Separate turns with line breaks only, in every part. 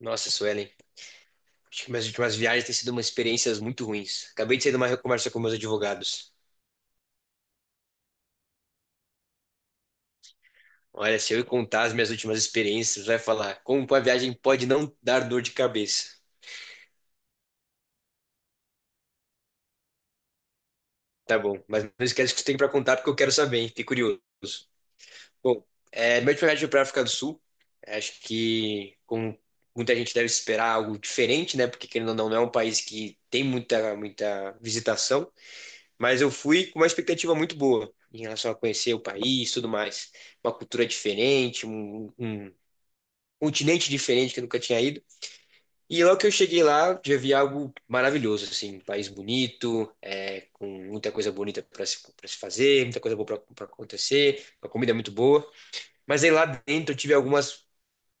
Nossa, Suelen, acho que minhas últimas viagens têm sido umas experiências muito ruins. Acabei de sair de uma conversa com meus advogados. Olha, se eu contar as minhas últimas experiências, vai falar como a viagem pode não dar dor de cabeça. Tá bom, mas não esquece que você tem para contar porque eu quero saber, hein? Fiquei curioso. Bom, minha última viagem foi para a África do Sul. Acho que como muita gente deve esperar algo diferente, né? Porque querendo ou não, não é um país que tem muita visitação. Mas eu fui com uma expectativa muito boa em relação a conhecer o país, tudo mais. Uma cultura diferente, um continente diferente que eu nunca tinha ido. E logo que eu cheguei lá, já vi algo maravilhoso, assim, um país bonito, com muita coisa bonita para se, pra se fazer, muita coisa boa para acontecer, uma comida muito boa. Mas aí lá dentro eu tive algumas,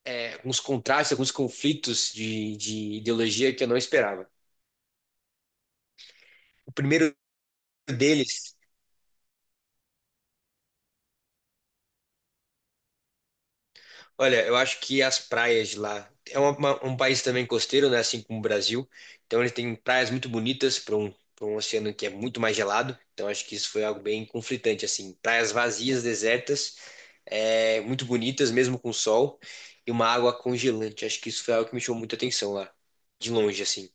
é, alguns contrastes, alguns conflitos de ideologia que eu não esperava. O primeiro deles. Olha, eu acho que as praias de lá é um país também costeiro, né? Assim como o Brasil. Então ele tem praias muito bonitas para para um oceano que é muito mais gelado. Então acho que isso foi algo bem conflitante, assim. Praias vazias, desertas, muito bonitas, mesmo com sol, e uma água congelante. Acho que isso foi algo que me chamou muita atenção lá, de longe, assim.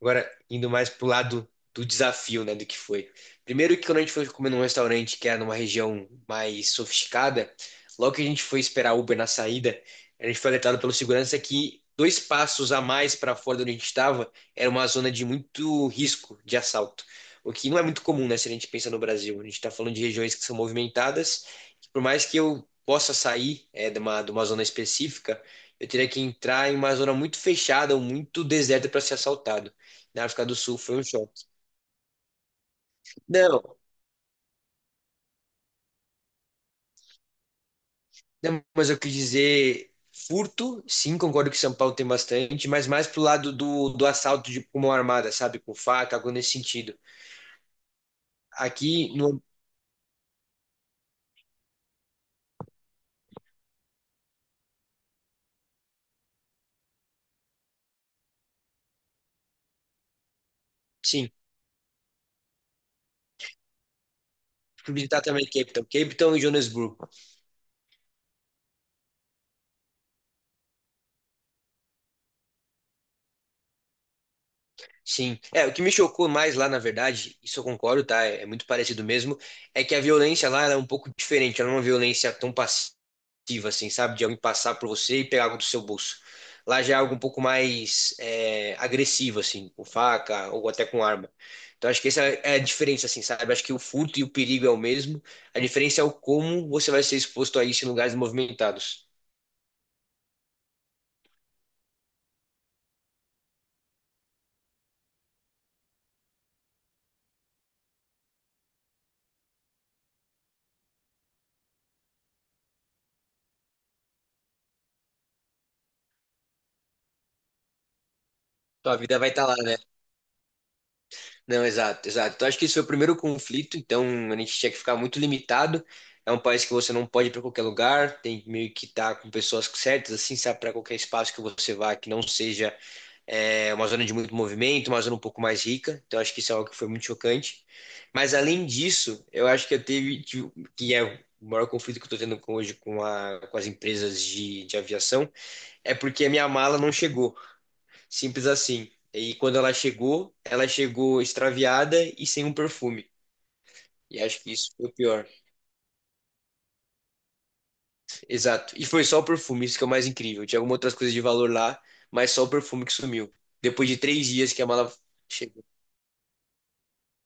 Agora, indo mais pro lado do desafio, né, do que foi. Primeiro que quando a gente foi comer num restaurante que era numa região mais sofisticada, logo que a gente foi esperar Uber na saída, a gente foi alertado pelo segurança que dois passos a mais para fora de onde a gente estava era uma zona de muito risco de assalto. O que não é muito comum, né, se a gente pensa no Brasil. A gente está falando de regiões que são movimentadas, que por mais que eu possa sair, de de uma zona específica, eu teria que entrar em uma zona muito fechada ou muito deserta para ser assaltado. Na África do Sul foi um choque. Não, não, mas eu quis dizer furto, sim, concordo que São Paulo tem bastante, mas mais pro lado do assalto de com mão armada, sabe? Com faca, algo nesse sentido. Aqui, no, sim, fui visitar também Cape Town. Cape Town e Joanesburgo. Sim. É, o que me chocou mais lá, na verdade, isso eu concordo, tá? É muito parecido mesmo, é que a violência lá ela é um pouco diferente, ela não é uma violência tão passiva, assim, sabe? De alguém passar por você e pegar algo do seu bolso. Lá já é algo um pouco mais agressivo, assim, com faca ou até com arma. Então acho que essa é a diferença, assim, sabe? Acho que o furto e o perigo é o mesmo. A diferença é o como você vai ser exposto a isso em lugares movimentados. Tua vida vai estar lá, né? Não, exato, exato. Então, acho que esse foi o primeiro conflito, então a gente tinha que ficar muito limitado. É um país que você não pode ir para qualquer lugar, tem meio que estar com pessoas certas, assim, sabe, para qualquer espaço que você vá, que não seja uma zona de muito movimento, uma zona um pouco mais rica. Então, acho que isso é algo que foi muito chocante. Mas, além disso, eu acho que que é o maior conflito que eu estou hoje com as empresas de aviação, é porque a minha mala não chegou. Simples assim. E quando ela chegou extraviada e sem um perfume. E acho que isso foi o pior. Exato. E foi só o perfume, isso que é o mais incrível. Tinha algumas outras coisas de valor lá, mas só o perfume que sumiu. Depois de três dias que a mala chegou.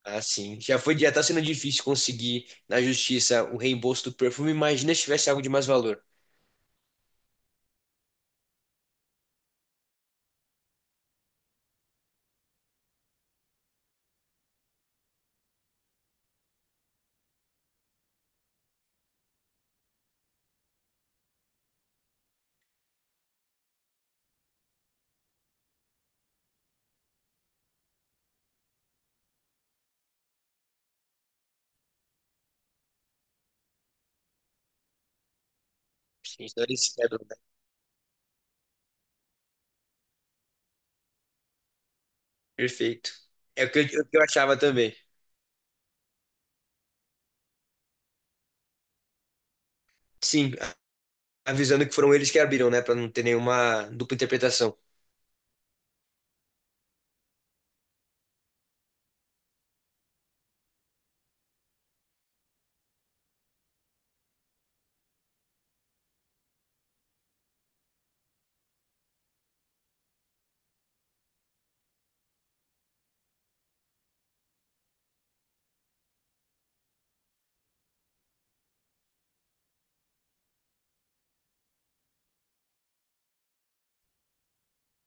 Ah, sim. Já foi, já tá sendo difícil conseguir na justiça o reembolso do perfume. Imagina se tivesse algo de mais valor. Sim, então eles quebram, né? Perfeito. É o que o que eu achava também. Sim, avisando que foram eles que abriram, né? Pra não ter nenhuma dupla interpretação.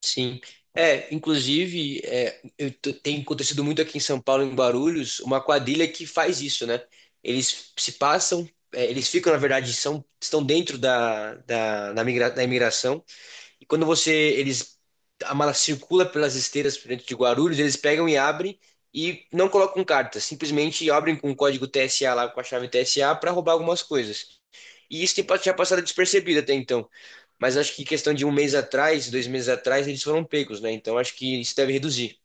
Sim. É, inclusive, tem acontecido muito aqui em São Paulo, em Guarulhos, uma quadrilha que faz isso, né? Eles se passam, eles ficam, na verdade, são, estão dentro da imigração, e quando a mala circula pelas esteiras dentro de Guarulhos, eles pegam e abrem, e não colocam carta, simplesmente abrem com o código TSA lá, com a chave TSA, para roubar algumas coisas. E isso tinha passado despercebido até então, mas acho que questão de um mês atrás, dois meses atrás, eles foram pegos, né? Então acho que isso deve reduzir.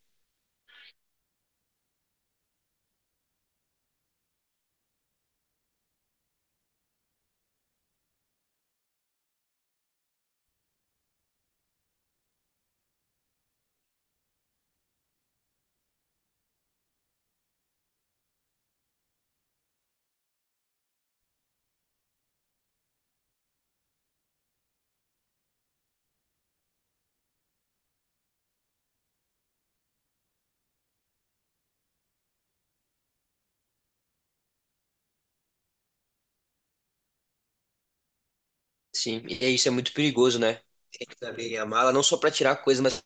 Sim, e é isso é muito perigoso, né? Tem que saber a mala, não só para tirar coisa, mas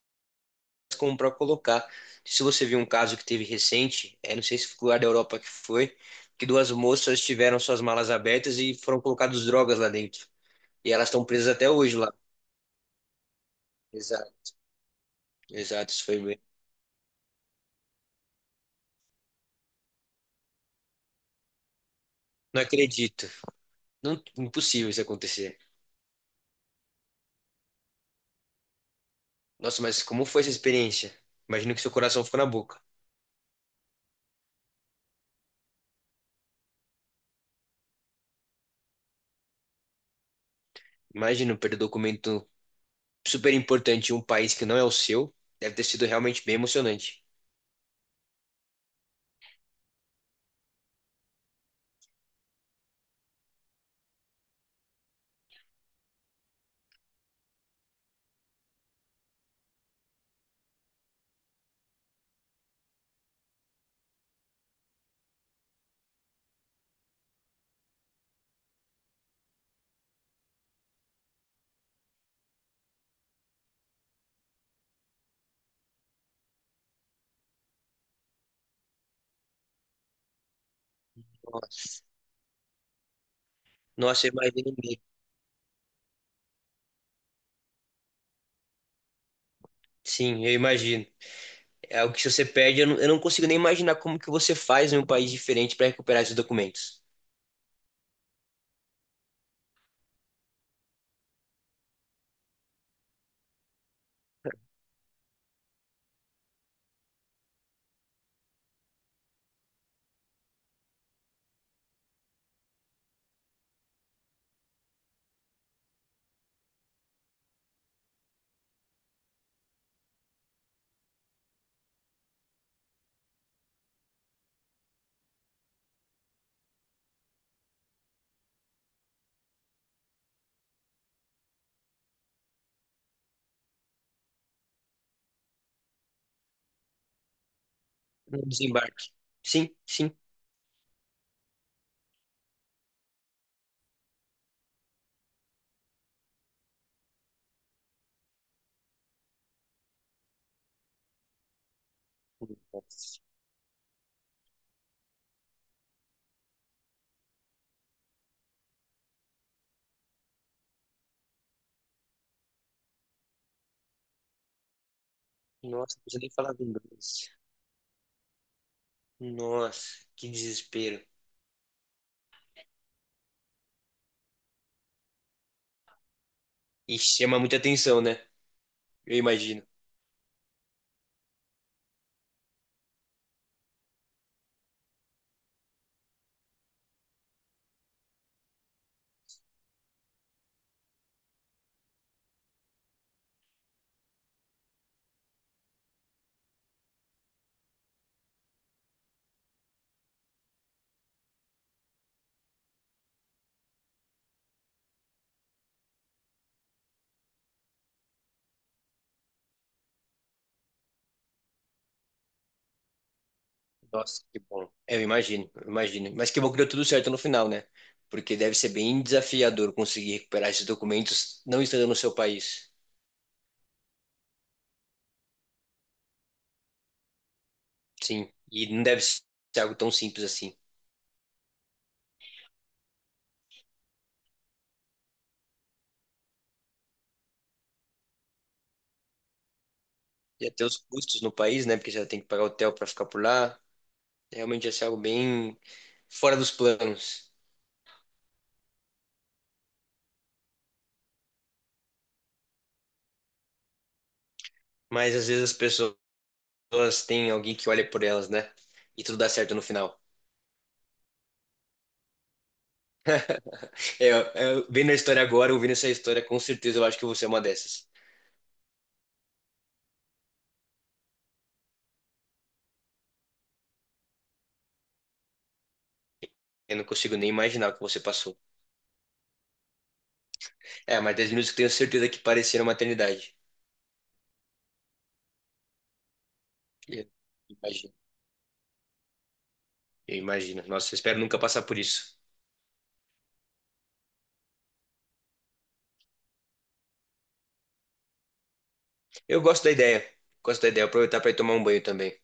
como para colocar. Se você viu um caso que teve recente, não sei se foi o lugar da Europa que foi, que duas moças tiveram suas malas abertas e foram colocadas drogas lá dentro. E elas estão presas até hoje lá. Exato, exato, isso foi mesmo. Não acredito. Não, impossível isso acontecer. Nossa, mas como foi essa experiência? Imagino que seu coração ficou na boca. Imagina perder documento super importante em um país que não é o seu, deve ter sido realmente bem emocionante. Nossa. Nossa, eu imagino mesmo. Sim, eu imagino. É algo que se você perde, eu não consigo nem imaginar como que você faz em um país diferente para recuperar esses documentos. No desembarque. Sim, sim. Nossa. Nossa, não precisa nem falar do inglês. Nossa, que desespero. E chama muita atenção, né? Eu imagino. Nossa, que bom. É, eu imagino, eu imagino. Mas que bom que deu tudo certo no final, né? Porque deve ser bem desafiador conseguir recuperar esses documentos não estando no seu país. Sim, e não deve ser algo tão simples assim. E até os custos no país, né? Porque você tem que pagar hotel para ficar por lá. Realmente ia ser algo bem fora dos planos. Mas às vezes as pessoas têm alguém que olha por elas, né? E tudo dá certo no final. É, é, vendo a história agora, ouvindo essa história, com certeza eu acho que você é uma dessas. Eu não consigo nem imaginar o que você passou. É, mas 10 minutos que tenho certeza que pareceram uma eternidade. Eu imagino. Eu imagino. Nossa, eu espero nunca passar por isso. Eu gosto da ideia. Gosto da ideia. Aproveitar para ir tomar um banho também.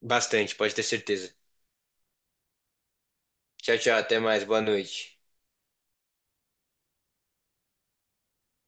Bastante, pode ter certeza. Tchau, tchau. Até mais. Boa noite.